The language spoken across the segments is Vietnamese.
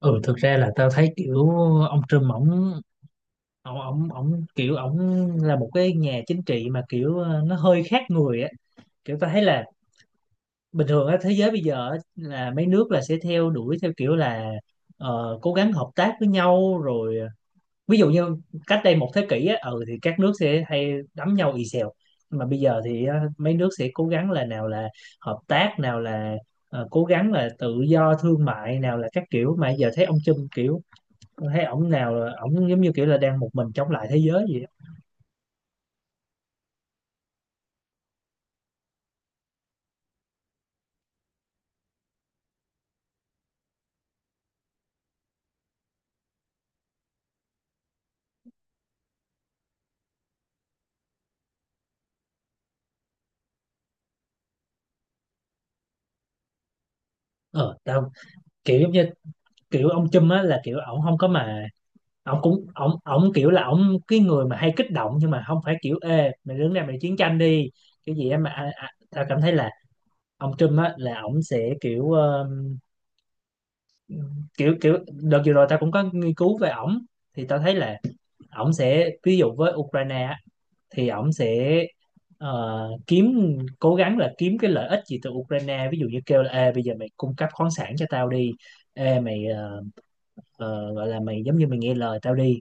Ừ Thực ra là tao thấy kiểu ông Trump ổng ổng ổng ổng kiểu ổng là một cái nhà chính trị mà kiểu nó hơi khác người á. Kiểu tao thấy là bình thường á, thế giới bây giờ á, là mấy nước là sẽ theo đuổi theo kiểu là cố gắng hợp tác với nhau, rồi ví dụ như cách đây một thế kỷ á, ừ thì các nước sẽ hay đấm nhau ì xèo. Nhưng mà bây giờ thì mấy nước sẽ cố gắng là nào là hợp tác, nào là cố gắng là tự do thương mại, nào là các kiểu. Mà giờ thấy ông Trump kiểu, tôi thấy ổng nào là ổng giống như kiểu là đang một mình chống lại thế giới gì á. Ờ Tao kiểu giống như kiểu ông Trump á là kiểu ổng không có mà, ổng cũng ổng ổng kiểu là ổng cái người mà hay kích động, nhưng mà không phải kiểu ê mày đứng đây mày chiến tranh đi. Kiểu gì em mà tao cảm thấy là ông Trump á là ổng sẽ kiểu kiểu kiểu đợt vừa rồi tao cũng có nghiên cứu về ổng, thì tao thấy là ổng sẽ ví dụ với Ukraine á, thì ổng sẽ kiếm, cố gắng là kiếm cái lợi ích gì từ Ukraine. Ví dụ như kêu là ê, bây giờ mày cung cấp khoáng sản cho tao đi, ê, mày gọi là mày giống như mày nghe lời tao đi.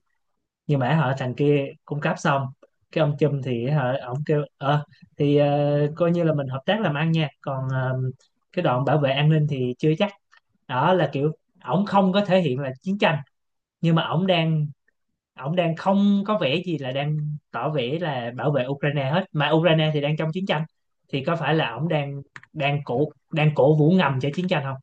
Nhưng mà họ, thằng kia cung cấp xong, cái ông Trump thì hả, ổng kêu thì coi như là mình hợp tác làm ăn nha, còn cái đoạn bảo vệ an ninh thì chưa chắc. Đó là kiểu ổng không có thể hiện là chiến tranh, nhưng mà ổng đang, ông đang không có vẻ gì là đang tỏ vẻ là bảo vệ Ukraine hết, mà Ukraine thì đang trong chiến tranh. Thì có phải là ông đang đang cổ vũ ngầm cho chiến tranh không?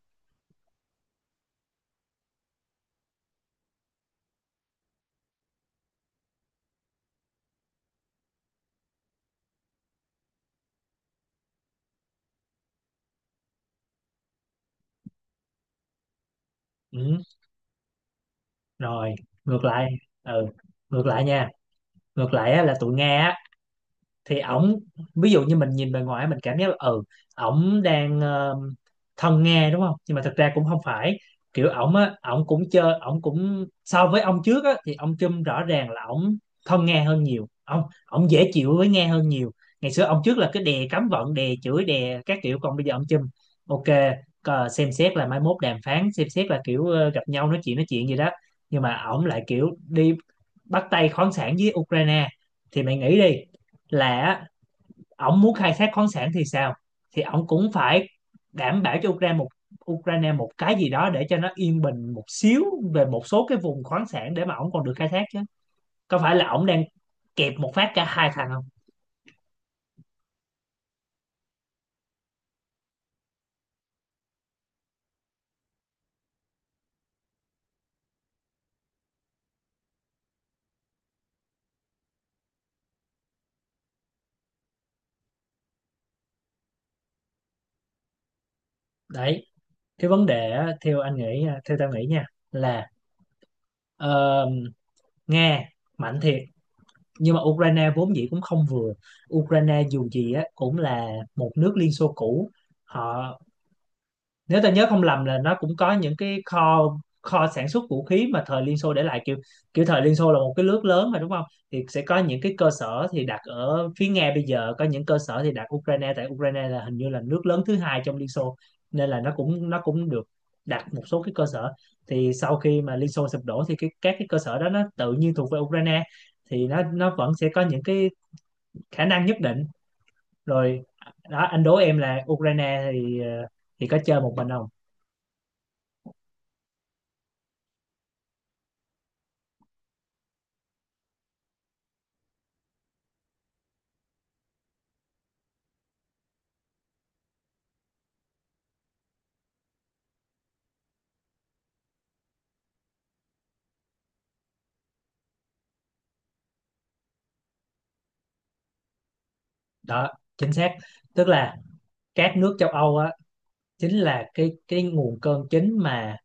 Ừ, rồi, ngược lại. Ừ, ngược lại nha. Ngược lại á, là tụi Nga á, thì ổng, ví dụ như mình nhìn bề ngoài mình cảm giác là ừ ổng đang thân Nga đúng không, nhưng mà thực ra cũng không phải. Kiểu ổng á, ổng cũng chơi, ổng cũng so với ông trước á thì ông Trump rõ ràng là ổng thân Nga hơn nhiều, ông ổng dễ chịu với Nga hơn nhiều. Ngày xưa ông trước là cái đè cấm vận, đè chửi, đè các kiểu, còn bây giờ ông Trump ok, xem xét là mai mốt đàm phán, xem xét là kiểu gặp nhau nói chuyện gì đó. Nhưng mà ổng lại kiểu đi bắt tay khoáng sản với Ukraine. Thì mày nghĩ đi, là ổng muốn khai thác khoáng sản thì sao, thì ổng cũng phải đảm bảo cho Ukraine một cái gì đó để cho nó yên bình một xíu về một số cái vùng khoáng sản để mà ổng còn được khai thác chứ. Có phải là ổng đang kẹp một phát cả hai thằng không? Đấy, cái vấn đề á, theo theo tao nghĩ nha, là ờ, Nga mạnh thiệt, nhưng mà Ukraine vốn dĩ cũng không vừa. Ukraine dù gì á cũng là một nước Liên Xô cũ, họ, nếu ta nhớ không lầm là nó cũng có những cái kho kho sản xuất vũ khí mà thời Liên Xô để lại. Kiểu kiểu thời Liên Xô là một cái nước lớn mà đúng không, thì sẽ có những cái cơ sở thì đặt ở phía Nga, bây giờ có những cơ sở thì đặt Ukraine. Tại Ukraine là hình như là nước lớn thứ hai trong Liên Xô, nên là nó cũng được đặt một số cái cơ sở. Thì sau khi mà Liên Xô sụp đổ thì cái các cái cơ sở đó nó tự nhiên thuộc về Ukraine, thì nó vẫn sẽ có những cái khả năng nhất định. Rồi, đó anh đố em, là Ukraine thì thì có chơi một mình không? Đó, chính xác. Tức là các nước châu Âu á, chính là cái nguồn cơn chính mà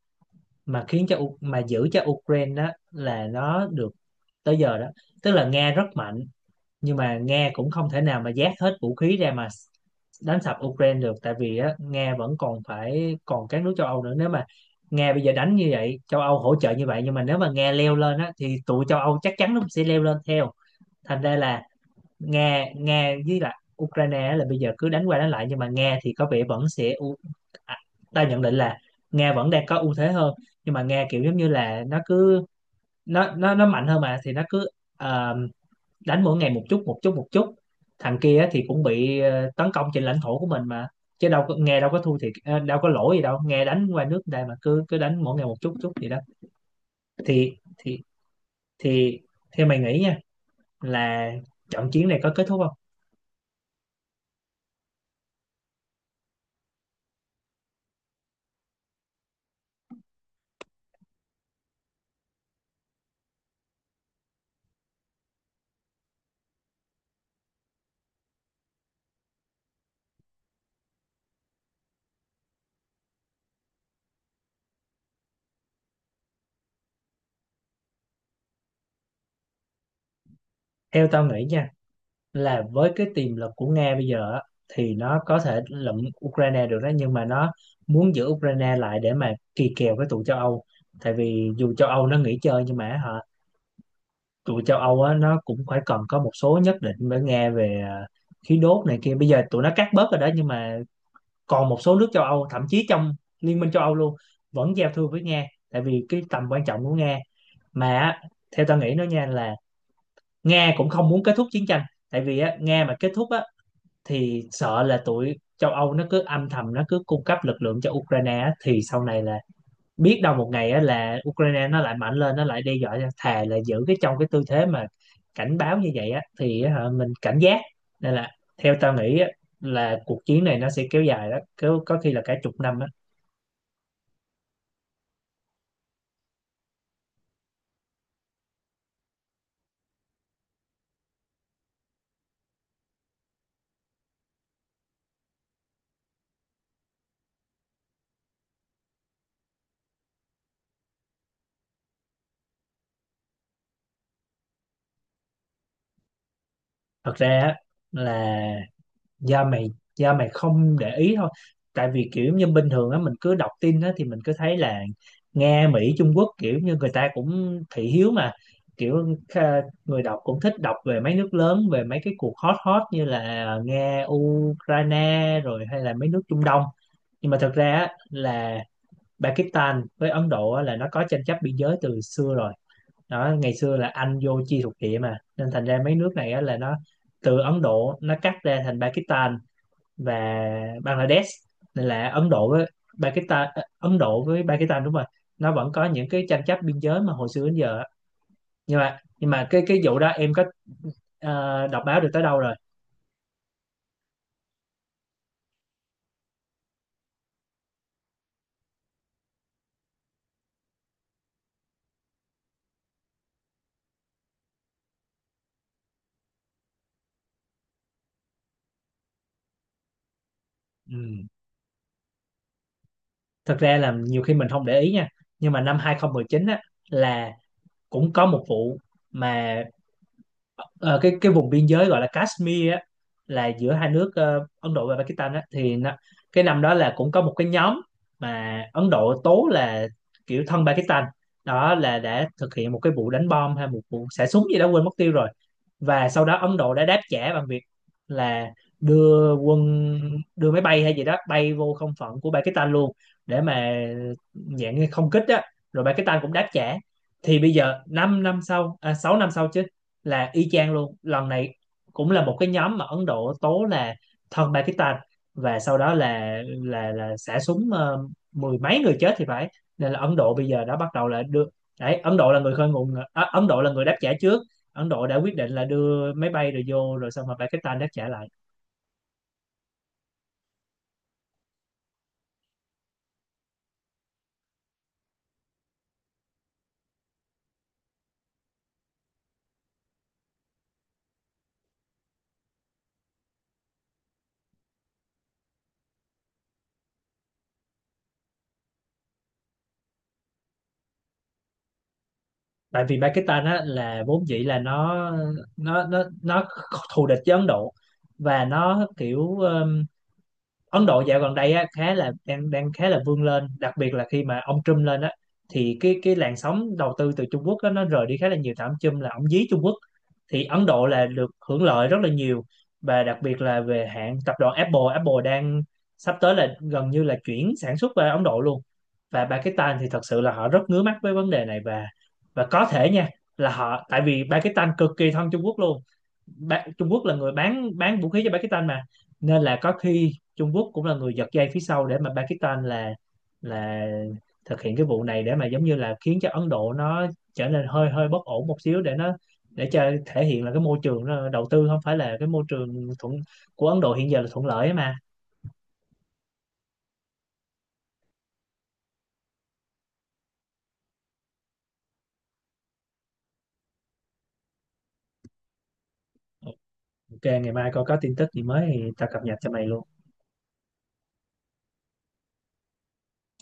mà khiến cho mà giữ cho Ukraine đó là nó được tới giờ đó. Tức là Nga rất mạnh, nhưng mà Nga cũng không thể nào mà vác hết vũ khí ra mà đánh sập Ukraine được. Tại vì á, Nga vẫn còn phải, còn các nước châu Âu nữa. Nếu mà Nga bây giờ đánh như vậy, châu Âu hỗ trợ như vậy, nhưng mà nếu mà Nga leo lên á thì tụi châu Âu chắc chắn nó sẽ leo lên theo. Thành ra là Nga Nga với lại Ukraine á, là bây giờ cứ đánh qua đánh lại, nhưng mà Nga thì có vẻ vẫn sẽ à, ta nhận định là Nga vẫn đang có ưu thế hơn. Nhưng mà Nga kiểu giống như là nó cứ, nó mạnh hơn mà, thì nó cứ ờ, đánh mỗi ngày một chút một chút một chút. Thằng kia á thì cũng bị tấn công trên lãnh thổ của mình mà, chứ đâu có, Nga đâu có thua thiệt, đâu có lỗi gì đâu. Nga đánh qua nước đây mà cứ cứ đánh mỗi ngày một chút chút gì đó. thì thì thì theo mày nghĩ nha, là trận chiến này có kết thúc không? Theo tao nghĩ nha, là với cái tiềm lực của Nga bây giờ á, thì nó có thể lụm Ukraine được đó, nhưng mà nó muốn giữ Ukraine lại để mà kỳ kèo với tụi châu Âu. Tại vì dù châu Âu nó nghỉ chơi, nhưng mà hả, tụi châu Âu á, nó cũng phải cần có một số nhất định với Nga về khí đốt này kia. Bây giờ tụi nó cắt bớt rồi đó, nhưng mà còn một số nước châu Âu, thậm chí trong Liên minh châu Âu luôn, vẫn giao thương với Nga tại vì cái tầm quan trọng của Nga mà á. Theo tao nghĩ nó nha, là Nga cũng không muốn kết thúc chiến tranh. Tại vì á, Nga mà kết thúc á, thì sợ là tụi châu Âu nó cứ âm thầm, nó cứ cung cấp lực lượng cho Ukraine á, thì sau này là biết đâu một ngày á, là Ukraine nó lại mạnh lên, nó lại đe dọa. Thà là giữ cái trong cái tư thế mà cảnh báo như vậy á, thì á, hả, mình cảnh giác. Nên là theo tao nghĩ á, là cuộc chiến này nó sẽ kéo dài đó, kéo có khi là cả chục năm á. Thật ra á, là do mày do mày không để ý thôi. Tại vì kiểu như bình thường á, mình cứ đọc tin á thì mình cứ thấy là Nga, Mỹ, Trung Quốc, kiểu như người ta cũng thị hiếu mà. Kiểu người đọc cũng thích đọc về mấy nước lớn, về mấy cái cuộc hot hot như là Nga, Ukraine, rồi hay là mấy nước Trung Đông. Nhưng mà thật ra á, là Pakistan với Ấn Độ á, là nó có tranh chấp biên giới từ xưa rồi. Đó, ngày xưa là Anh vô chia thuộc địa mà, nên thành ra mấy nước này á, là nó từ Ấn Độ nó cắt ra thành Pakistan và Bangladesh. Nên là Ấn Độ với Ấn Độ với Pakistan, đúng rồi, nó vẫn có những cái tranh chấp biên giới mà hồi xưa đến giờ á. Nhưng mà cái vụ đó em có đọc báo được tới đâu rồi? Ừ, thật ra là nhiều khi mình không để ý nha, nhưng mà năm 2019 á, là cũng có một vụ mà ờ, cái vùng biên giới gọi là Kashmir á, là giữa hai nước Ấn Độ và Pakistan á, thì nó, cái năm đó là cũng có một cái nhóm mà Ấn Độ tố là kiểu thân Pakistan đó, là đã thực hiện một cái vụ đánh bom hay một vụ xả súng gì đó, quên mất tiêu rồi. Và sau đó Ấn Độ đã đáp trả bằng việc là đưa quân, đưa máy bay hay gì đó bay vô không phận của Pakistan luôn, để mà dạng như không kích á, rồi Pakistan cũng đáp trả. Thì bây giờ 5 năm, 6 năm sau chứ, là y chang luôn. Lần này cũng là một cái nhóm mà Ấn Độ tố là thân Pakistan, và sau đó là xả súng, mười mấy người chết thì phải. Nên là Ấn Độ bây giờ đã bắt đầu là đưa, đấy Ấn Độ là người Ấn Độ là người đáp trả trước. Ấn Độ đã quyết định là đưa máy bay rồi vô, rồi xong rồi Pakistan đáp trả lại. Tại vì Pakistan á, là vốn dĩ là nó thù địch với Ấn Độ. Và nó kiểu Ấn Độ dạo gần đây á, khá là đang đang khá là vươn lên, đặc biệt là khi mà ông Trump lên á, thì cái làn sóng đầu tư từ Trung Quốc á, nó rời đi khá là nhiều, tại ông Trump là ông dí Trung Quốc, thì Ấn Độ là được hưởng lợi rất là nhiều. Và đặc biệt là về hãng tập đoàn Apple, Apple đang sắp tới là gần như là chuyển sản xuất về Ấn Độ luôn. Và Pakistan thì thật sự là họ rất ngứa mắt với vấn đề này. Và có thể nha, là tại vì Pakistan cực kỳ thân Trung Quốc luôn, ba, Trung Quốc là người bán vũ khí cho Pakistan mà. Nên là có khi Trung Quốc cũng là người giật dây phía sau để mà Pakistan là là thực hiện cái vụ này, để mà giống như là khiến cho Ấn Độ nó trở nên hơi hơi bất ổn một xíu, để nó cho thể hiện là cái môi trường nó đầu tư không phải là cái môi trường thuận, của Ấn Độ hiện giờ là thuận lợi ấy mà. Ok, ngày mai coi có tin tức gì mới thì tao cập nhật cho mày luôn.